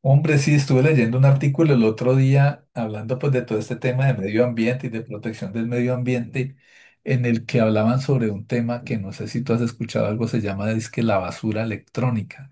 Hombre, sí, estuve leyendo un artículo el otro día hablando pues de todo este tema de medio ambiente y de protección del medio ambiente, en el que hablaban sobre un tema que no sé si tú has escuchado algo, se llama que la basura electrónica.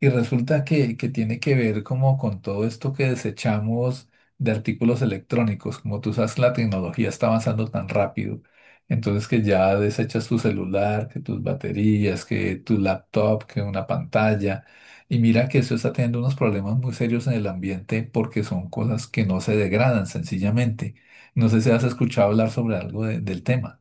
Y resulta que tiene que ver como con todo esto que desechamos de artículos electrónicos. Como tú sabes, la tecnología está avanzando tan rápido. Entonces que ya desechas tu celular, que tus baterías, que tu laptop, que una pantalla. Y mira que eso está teniendo unos problemas muy serios en el ambiente porque son cosas que no se degradan sencillamente. No sé si has escuchado hablar sobre del tema.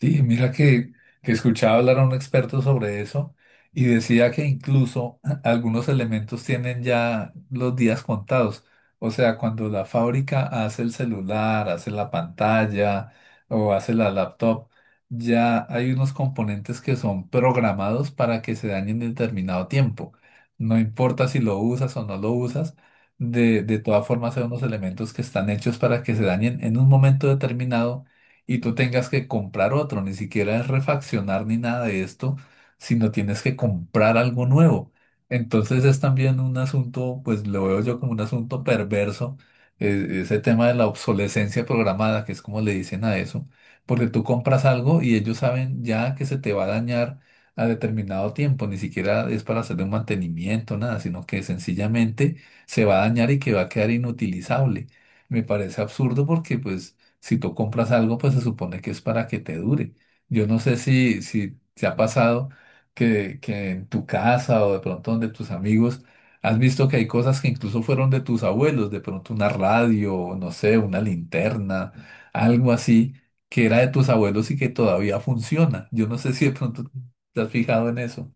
Sí, mira que escuchaba hablar a un experto sobre eso y decía que incluso algunos elementos tienen ya los días contados. O sea, cuando la fábrica hace el celular, hace la pantalla o hace la laptop, ya hay unos componentes que son programados para que se dañen en determinado tiempo. No importa si lo usas o no lo usas, de todas formas hay unos elementos que están hechos para que se dañen en un momento determinado y tú tengas que comprar otro, ni siquiera es refaccionar ni nada de esto, sino tienes que comprar algo nuevo. Entonces es también un asunto, pues lo veo yo como un asunto perverso, ese tema de la obsolescencia programada, que es como le dicen a eso, porque tú compras algo y ellos saben ya que se te va a dañar a determinado tiempo, ni siquiera es para hacerle un mantenimiento, nada, sino que sencillamente se va a dañar y que va a quedar inutilizable. Me parece absurdo porque pues si tú compras algo, pues se supone que es para que te dure. Yo no sé si te ha pasado que en tu casa o de pronto donde tus amigos has visto que hay cosas que incluso fueron de tus abuelos, de pronto una radio, no sé, una linterna, algo así que era de tus abuelos y que todavía funciona. Yo no sé si de pronto te has fijado en eso.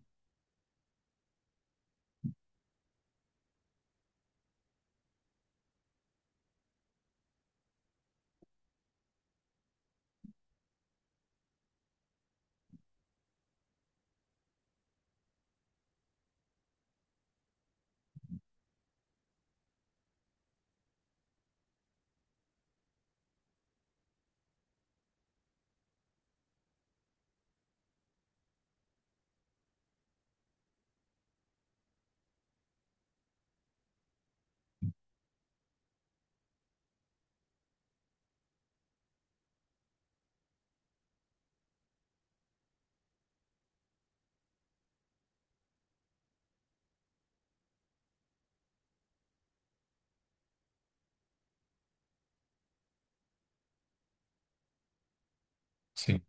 Sí.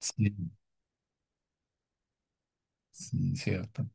Sí, sí, cierto.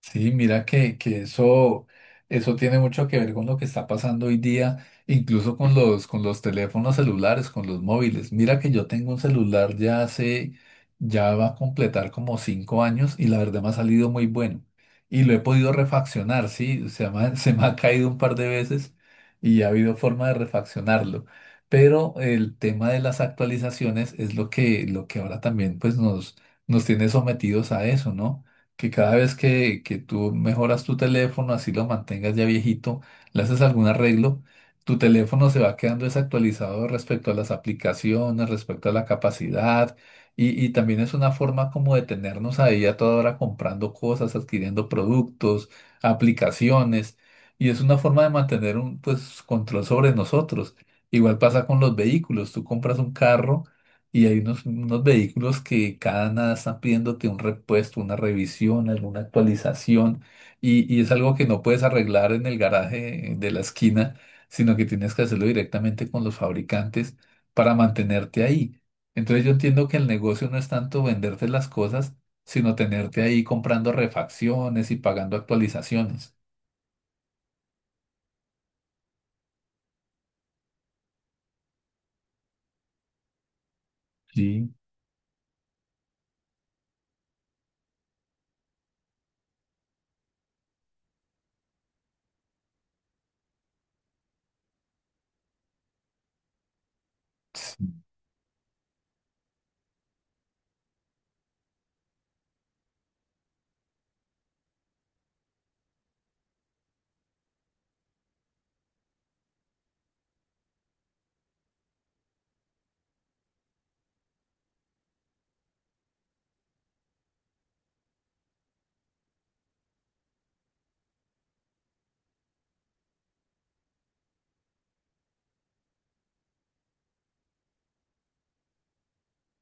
Sí, mira que eso, eso tiene mucho que ver con lo que está pasando hoy día, incluso con con los teléfonos celulares, con los móviles. Mira que yo tengo un celular ya hace, ya va a completar como cinco años y la verdad me ha salido muy bueno. Y lo he podido refaccionar, sí, se me ha, se me ha caído un par de veces y ha habido forma de refaccionarlo. Pero el tema de las actualizaciones es lo lo que ahora también pues nos tiene sometidos a eso, ¿no? Que cada vez que tú mejoras tu teléfono, así lo mantengas ya viejito, le haces algún arreglo, tu teléfono se va quedando desactualizado respecto a las aplicaciones, respecto a la capacidad, y también es una forma como de tenernos ahí a toda hora comprando cosas, adquiriendo productos, aplicaciones, y es una forma de mantener un pues, control sobre nosotros. Igual pasa con los vehículos, tú compras un carro. Y hay unos vehículos que cada nada están pidiéndote un repuesto, una revisión, alguna actualización. Y es algo que no puedes arreglar en el garaje de la esquina, sino que tienes que hacerlo directamente con los fabricantes para mantenerte ahí. Entonces yo entiendo que el negocio no es tanto venderte las cosas, sino tenerte ahí comprando refacciones y pagando actualizaciones. Sí.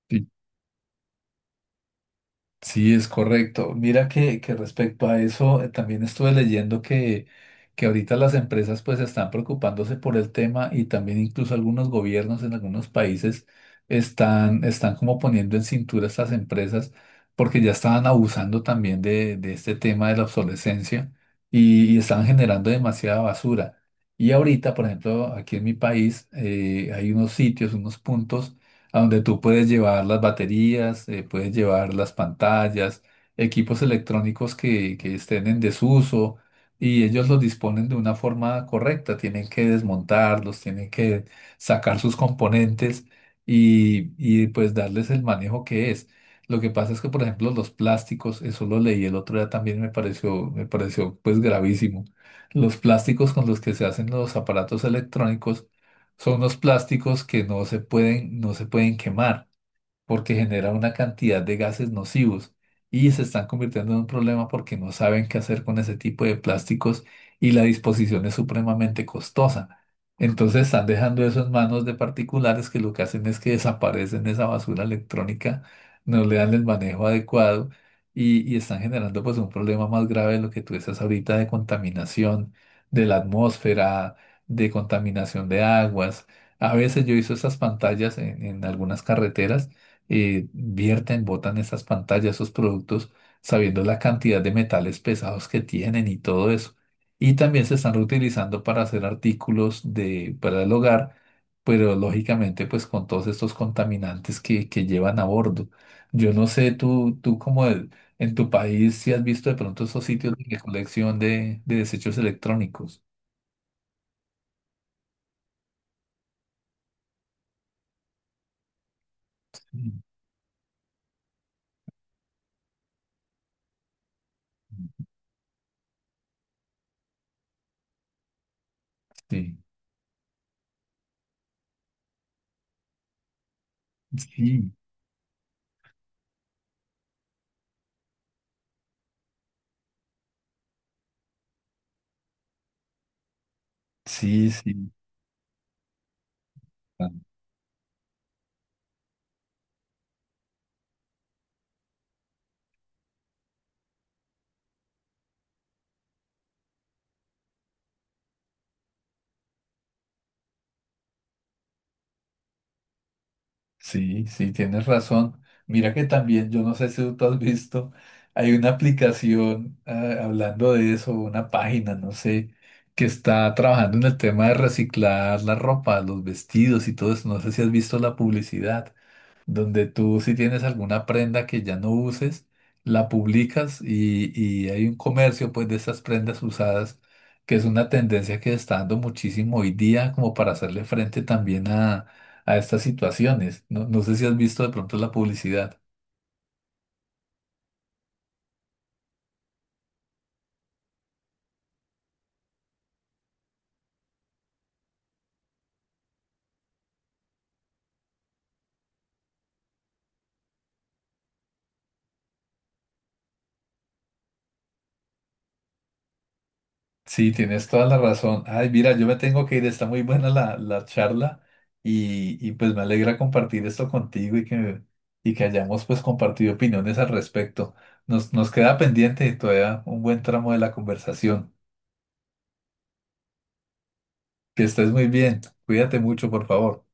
Sí. Sí, es correcto. Mira que respecto a eso, también estuve leyendo que ahorita las empresas pues están preocupándose por el tema y también incluso algunos gobiernos en algunos países están como poniendo en cintura a estas empresas porque ya estaban abusando también de este tema de la obsolescencia y estaban generando demasiada basura. Y ahorita, por ejemplo, aquí en mi país hay unos sitios, unos puntos a donde tú puedes llevar las baterías, puedes llevar las pantallas, equipos electrónicos que estén en desuso y ellos los disponen de una forma correcta. Tienen que desmontarlos, tienen que sacar sus componentes y pues darles el manejo que es. Lo que pasa es que, por ejemplo, los plásticos, eso lo leí el otro día también me pareció pues gravísimo. Los plásticos con los que se hacen los aparatos electrónicos son unos plásticos que no se pueden, no se pueden quemar porque genera una cantidad de gases nocivos y se están convirtiendo en un problema porque no saben qué hacer con ese tipo de plásticos y la disposición es supremamente costosa. Entonces están dejando eso en manos de particulares que lo que hacen es que desaparecen esa basura electrónica, no le dan el manejo adecuado y están generando pues un problema más grave de lo que tú estás ahorita de contaminación de la atmósfera, de contaminación de aguas. A veces yo hizo estas pantallas en algunas carreteras vierten, botan esas pantallas, esos productos, sabiendo la cantidad de metales pesados que tienen y todo eso. Y también se están reutilizando para hacer artículos de, para el hogar, pero lógicamente pues con todos estos contaminantes que llevan a bordo. Yo no sé, tú como en tu país, si has visto de pronto esos sitios de recolección de desechos electrónicos. Mm. Sí, sí, sí, sí. Sí, sí, tienes razón. Mira que también, yo no sé si tú has visto, hay una aplicación, ah, hablando de eso, una página, no sé, que está trabajando en el tema de reciclar la ropa, los vestidos y todo eso. No sé si has visto la publicidad donde tú si tienes alguna prenda que ya no uses, la publicas y hay un comercio pues de esas prendas usadas, que es una tendencia que está dando muchísimo hoy día como para hacerle frente también a estas situaciones. No, no sé si has visto de pronto la publicidad. Sí, tienes toda la razón. Ay, mira, yo me tengo que ir, está muy buena la charla y pues me alegra compartir esto contigo y y que hayamos pues compartido opiniones al respecto. Nos queda pendiente todavía un buen tramo de la conversación. Que estés muy bien. Cuídate mucho, por favor.